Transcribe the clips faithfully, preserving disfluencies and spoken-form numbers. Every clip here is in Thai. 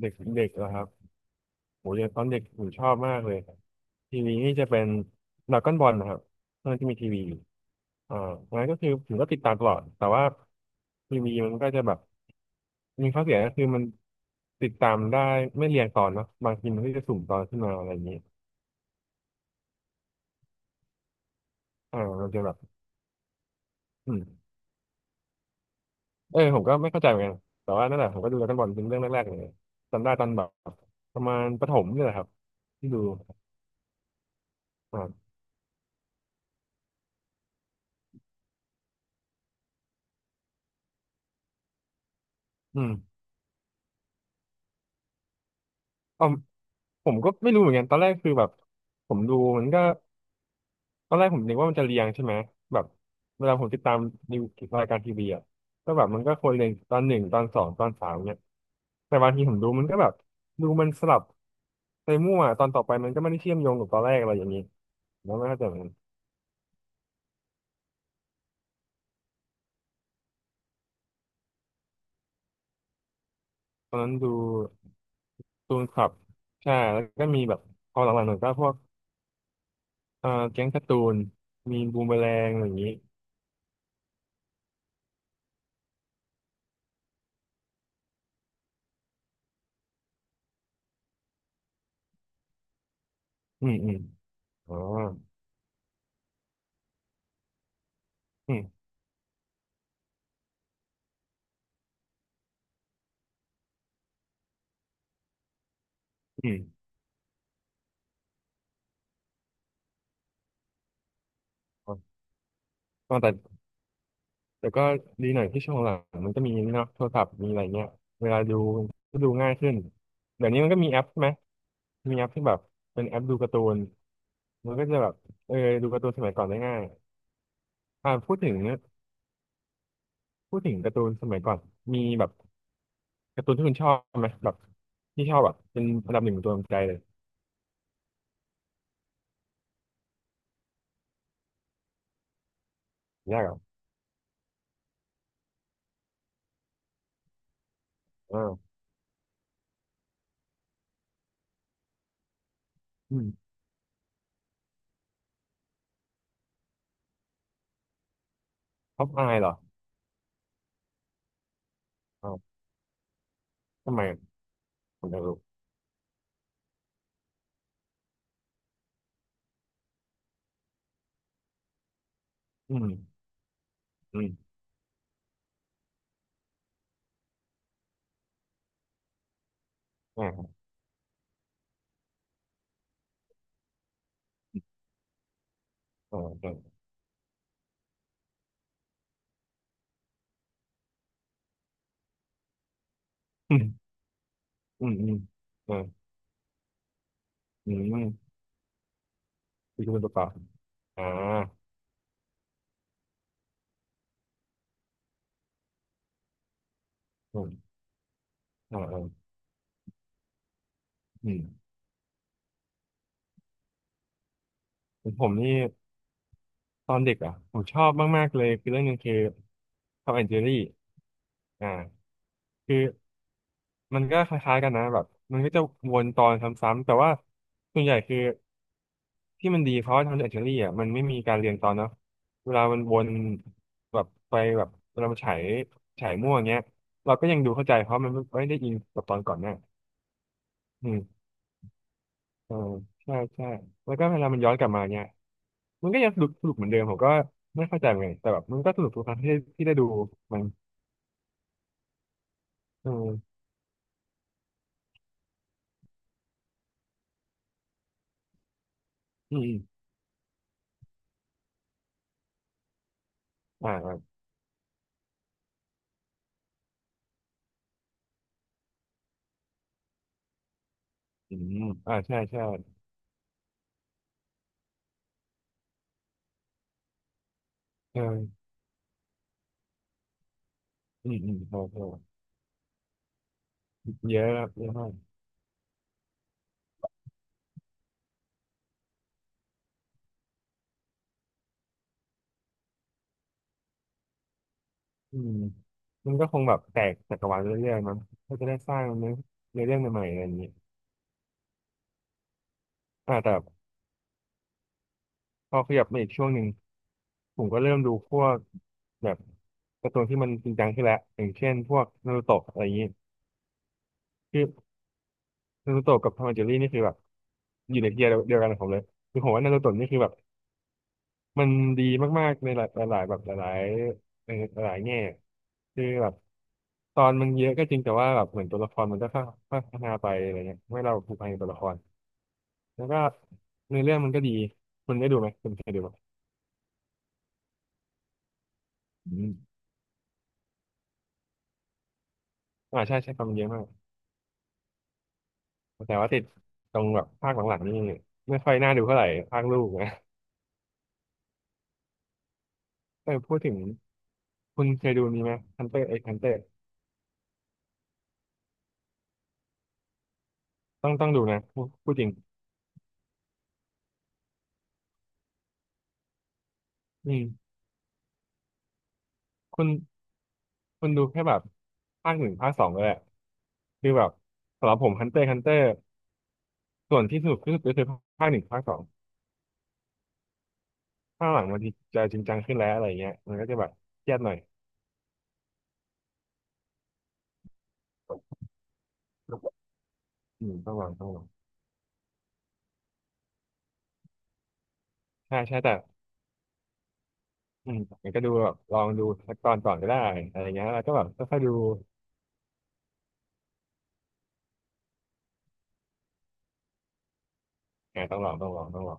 เด็กเด็กเหรอครับโหยังตอนเด็กผมชอบมากเลยทีวีนี่จะเป็นดราก้อนบอลนะครับเนื่อนที่มีทีวีอ่างั้นก็คือผมก็ติดตามตลอดแต่ว่าทีวีมันก็จะแบบมีข้อเสียก็คือมันติดตามได้ไม่เรียงตอนเนาะบางทีมันก็จะสุ่มตอนขึ้นมาอะไรอย่างนี้อ่ามันจะแบบอืมเออผมก็ไม่เข้าใจเหมือนกันแต่ว่านั่นแหละผมก็ดูดราก้อนบอลเป็นเรื่องแรกๆเลยจำได้ตอนแบบประมาณประถมเนี่ยแหละครับที่ดูอ่าอืมอ๋อ ผมก็ไม่รู้เหมือนกันตอนแรกคือแบบผมดูมันก็ตอนแรกผมนึกว่ามันจะเรียงใช่ไหมแบบเวลาผมติดตามนิวรายการทีวีอ่ะก็แบบมันก็คนเรียงตอนหนึ่งตอนสองตอนสามเนี่ยแต่บางทีผมดูมันก็แบบดูมันสลับไปมั่วตอนต่อไปมันก็ไม่ได้เชื่อมโยงกับตอนแรกอะไรอย่างนี้แล้วไม่เข้าใจเหมือนกันตอนนั้นดูตูนคลับใช่แล้วก็มีแบบพอหลังๆหน่อยก็พวกเอ่อแก๊งการ์ตูนมีบูมเมอแรงอะไรอย่างนี้อืมอืมอ๋ออืมอืมอ๋อแต่ แต่ก็ดีหน่อยที่ช่วงหลังมันก็มีนี่เนาะโทรศัพท์มีอะไรเงี้ยเวลาดูก็ดูง่ายขึ้นเดี๋ยวนี้มันก็มีแอปใช่ไหมมีแอปที่แบบเป็นแอปดูการ์ตูนมันก็จะแบบเออดูการ์ตูนสมัยก่อนได้ง่ายอ่าพูดถึงพูดถึงการ์ตูนสมัยก่อนมีแบบการ์ตูนที่คุณชอบไหมแบบที่ชอบแบบเป็นอันดับหนึ่งของตัวใจเลยยากเหรออ่าอืมท็อปอายเหรออ่าวทำไมผมอยากรู้อืมอืมอ่าอ่าอ่าอืมอืมอืมอ่าอืมคือคุณประกอบอ่า อืมเออเอออืมของผมนี่ตอนเด็กอ่ะผมชอบมากๆเลยคือเรื่องหนึงคือทอมแอนด์เจอรี่อ่าคือมันก็คล้ายๆกันนะแบบมันก็จะวนตอนซ้ำๆแต่ว่าส่วนใหญ่คือที่มันดีเพราะว่าทอมแอนด์เจอรี่อ่ะมันไม่มีการเรียงตอนเนาะเวลามันวนแบบไปแบบเวลามันฉายฉายมั่วอย่างเงี้ยเราก็ยังดูเข้าใจเพราะมันไม่ได้อินกับตอนก่อนเนี่ย เออใช่ใช่แล้วก็เวลามันย้อนกลับมาเนี่ยมันก็ยังสนุกสนุกเหมือนเดิมผมก็ไม่เข้าใจเหมือนกันแต่แบบมันก็สนุกทุกครั้งที่ที่ได้ดูมันเอออืมอมอ่าอ่าอืมอ่าใช่ใช่เอออืมอืมใช่ใช่เยอะครับเยอะมากอืมมันก็คงแบบแตกจักรวาลเรื่อยๆมั้งก็จะได้สร้างเนื้อเนื้อเรื่องใหม่ๆอะไรอย่างนี้อ่าแต่พอขยับมาอีกช่วงหนึ่งผมก็เริ่มดูพวกแบบการ์ตูนที่มันจริงจังขึ้นแล้วอย่างเช่นพวกนารูโตะอะไรอย่างนี้ นารูโตะกับทอมแอนด์เจอรี่นี่คือแบบอยู่ในเทียร์เดียวกันของผมเลยคือผมว่านารูโตะนี่คือแบบมันดีมากๆในหลายหลายแบบหลายๆเอ่อหลายแง่คือแบบตอนมันเยอะก็จริงแต่ว่าแบบเหมือนตัวละครมันก็ค่อยๆพัฒนาไปอะไรเงี้ยไม่ให้เราผูกพันกับตัวละครแล้วก็ในอเรื่องมันก็ดีคุณได้ดูไหมคุณเคยดูไหมอืมอ่าใช่ใช่ความเยอะมากแต่ว่าติดตรงแบบภาคหลังๆนี่ไม่ค่อยน่าดูเท่าไหร่ภาคลูกนะแต่พูดถึงคุณเคยดูนี้ไหมฮันเตอร์เอ็กฮันเตอร์ต้องต้องดูนะพูดพูดจริงอืม คุณคุณดูแค่แบบภาคหนึ่งภาคสองก็แหละคือแบบสำหรับผมฮันเตอร์ฮันเตอร์ส่วนที่สนุกที่สุดก็คือภาคหนึ่งภาคสองภาคหลังมันจะจริงจังขึ้นแล้วอะไรเงี้ยมันก็จะแบบเครียดหน่อยอืมต้องลองต้องลองใช่ใช่แต่อืมมันก็ดูแบบลองดูสักตอนก่อนก็ได้อะไรเงี้ยแล้วก็แบบค่อยๆดูอ่าต้องลองต้องลองต้องลอง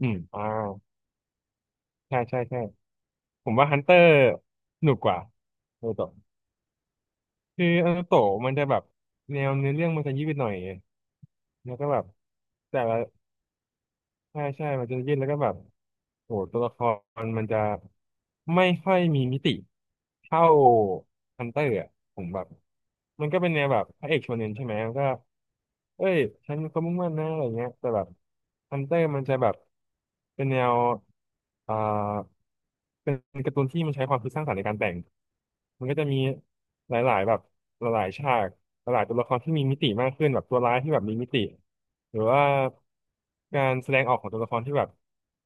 อืมอ่าใช่ใช่ใช่ผมว่าฮันเตอร์สนุกกว่าโดโต คืออนาโตะมันจะแบบแนวเนื้อเรื่องมันจะยืดหน่อยแล้วก็แบบแต่ละ ใช่ใช่ มันจะยืดแล้วก็แบบโอ้ตัวละครมันจะไม่ค่อยมีมิติเท่าฮันเตอร์อะผมแบบมันก็เป็นแนวแบบพระเอกโชเนนใช่ไหมมันก็เอ้ยฉันก็มุ่งมั่นนะอะไรเงี้ยแต่แบบฮันเตอร์มันจะแบบเป็นแนวอ่าเป็นการ์ตูนที่มันใช้ความคิดสร้างสรรค์ในการแต่งมันก็จะมีหลายๆแบบหลายๆฉากหลายๆตัวละครที่มีมิติมากขึ้นแบบตัวร้ายที่แบบมีมิติ หรือว่าการแสดงออกของตัวละครที่แบบ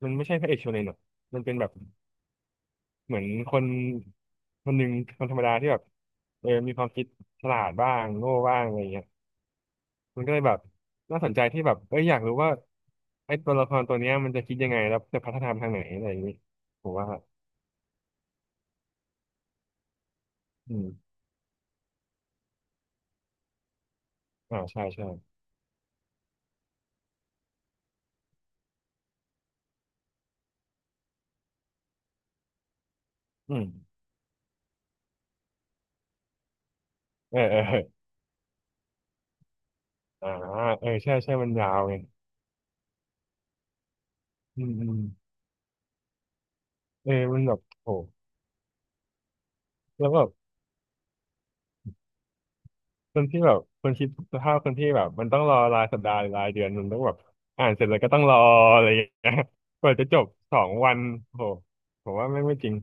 มันไม่ใช่พระเอกโชเนนหรอกมันเป็นแบบเหมือนคนคนหนึ่งคนธรรมดาที่แบบเออมีความคิดฉลาดบ้างโง่บ้างอะไรเงี้ยมันก็เลยแบบน่าสนใจที่แบบเอ้ยอยากรู้ว่าไอ้ตัวละครตัวเนี้ยมันจะคิดยังไงแล้วจะพัฒนาไปทางไหนอะไรอย่างนี้ผมว่าอืมอ่าใช่ใช่อืมเออเออเอออ่าเออใช่ใช่มันยาวไงอืมอืมเออมันแบบโหแล้วแบบ คนที่แบบคนคิดสภาพคนที่แบบมันต้องรอรายสัปดาห์หรือรายเดือนมันต้องแบบอ่านเสร็จแล้วก็ต้องรออะไรอย่างเงี้ยกว่าจะจบสองวันโหผมว่าไม่งไม่จริง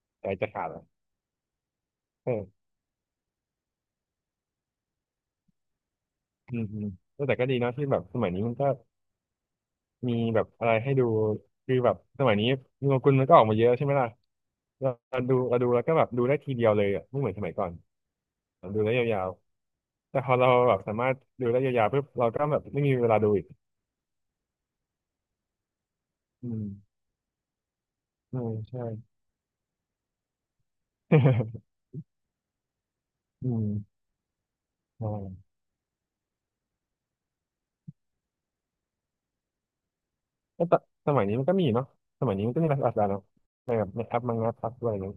ใจจะขาดแล้วเอออืมอืมแต่ก็ดีเนาะที่แบบสมัยนี้มันก็มีแบบอะไรให้ดูคือแบบสมัยนี้มีโงกุลมันก็ออกมาเยอะใช่ไหมล่ะเราเราดูเราดูแล้วก็แบบดูได้ทีเดียวเลยอ่ะไม่เหมือนสมัยก่อนเราดูได้ยาวๆแต่พอเราแบบสามารถดูได้ยาวๆปุ๊บเราก็แบบไม่มีเวลาดูอีกอืมอืมใช่ อืมใช่ ก็ตสมัยนี้มันก็มีเนาะสมัยนี้มันก็มีภาษานอางกฤเนาะในแบบในแอปมังงะพับอะไรอย่างเงี้ย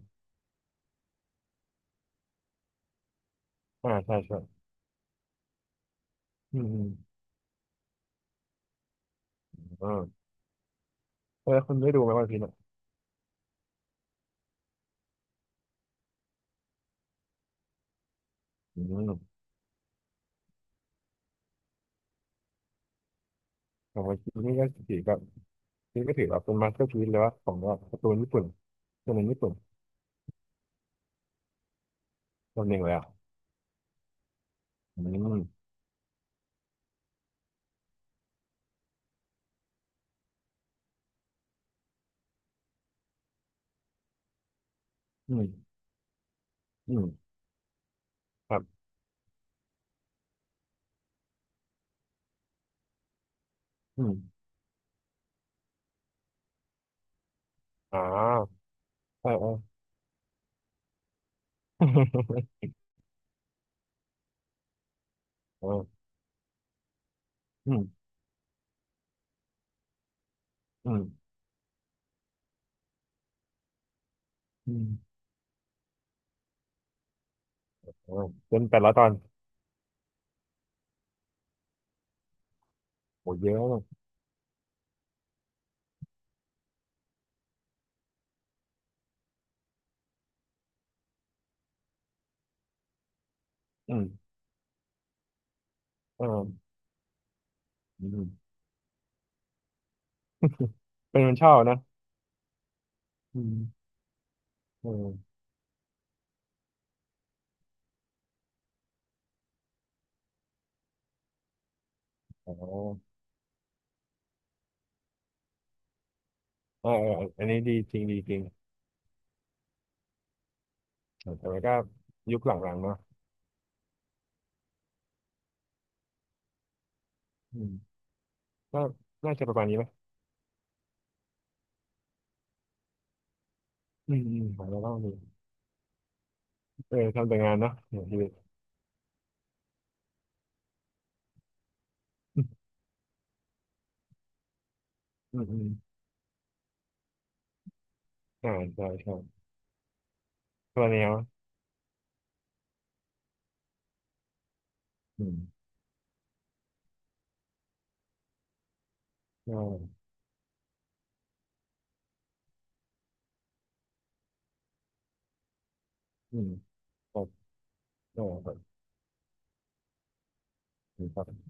อ่าใช่ใช่อืมอืมอ่าแล้วคุณได้ดูไหมวันพีซอ่ะอืมของวันพีซนี่ก็ถือแบบนี่ก็ถือแบบเป็นมาสเตอร์พีซเลยว่าของแบบการ์ตูนญี่ปุ่นตัวหนึ่งญี่ปุ่นตัวหนึ่งเลยอ่ะอืมอืมอืมครับอืมอ่าใช่เออ เอออืมอืมอืมเออเป็นแปดละตอนโหเยอะมากอืมเอออืมเป็นคนชอบนะอืมเอออ๋อ อ่าออันนี้ดีจริงดีจริงแต่ว่าก็ยุคหลังๆเนาะอืมก็น่าจะประมาณนี้ไหมอืมอืมของเราเล่าดีเออทำแต่งานเนาะเนี่ยชีวิตอืมอืมอ่าใช่ใช่ตั่แนวอืมอ่่อืมครับเออครับ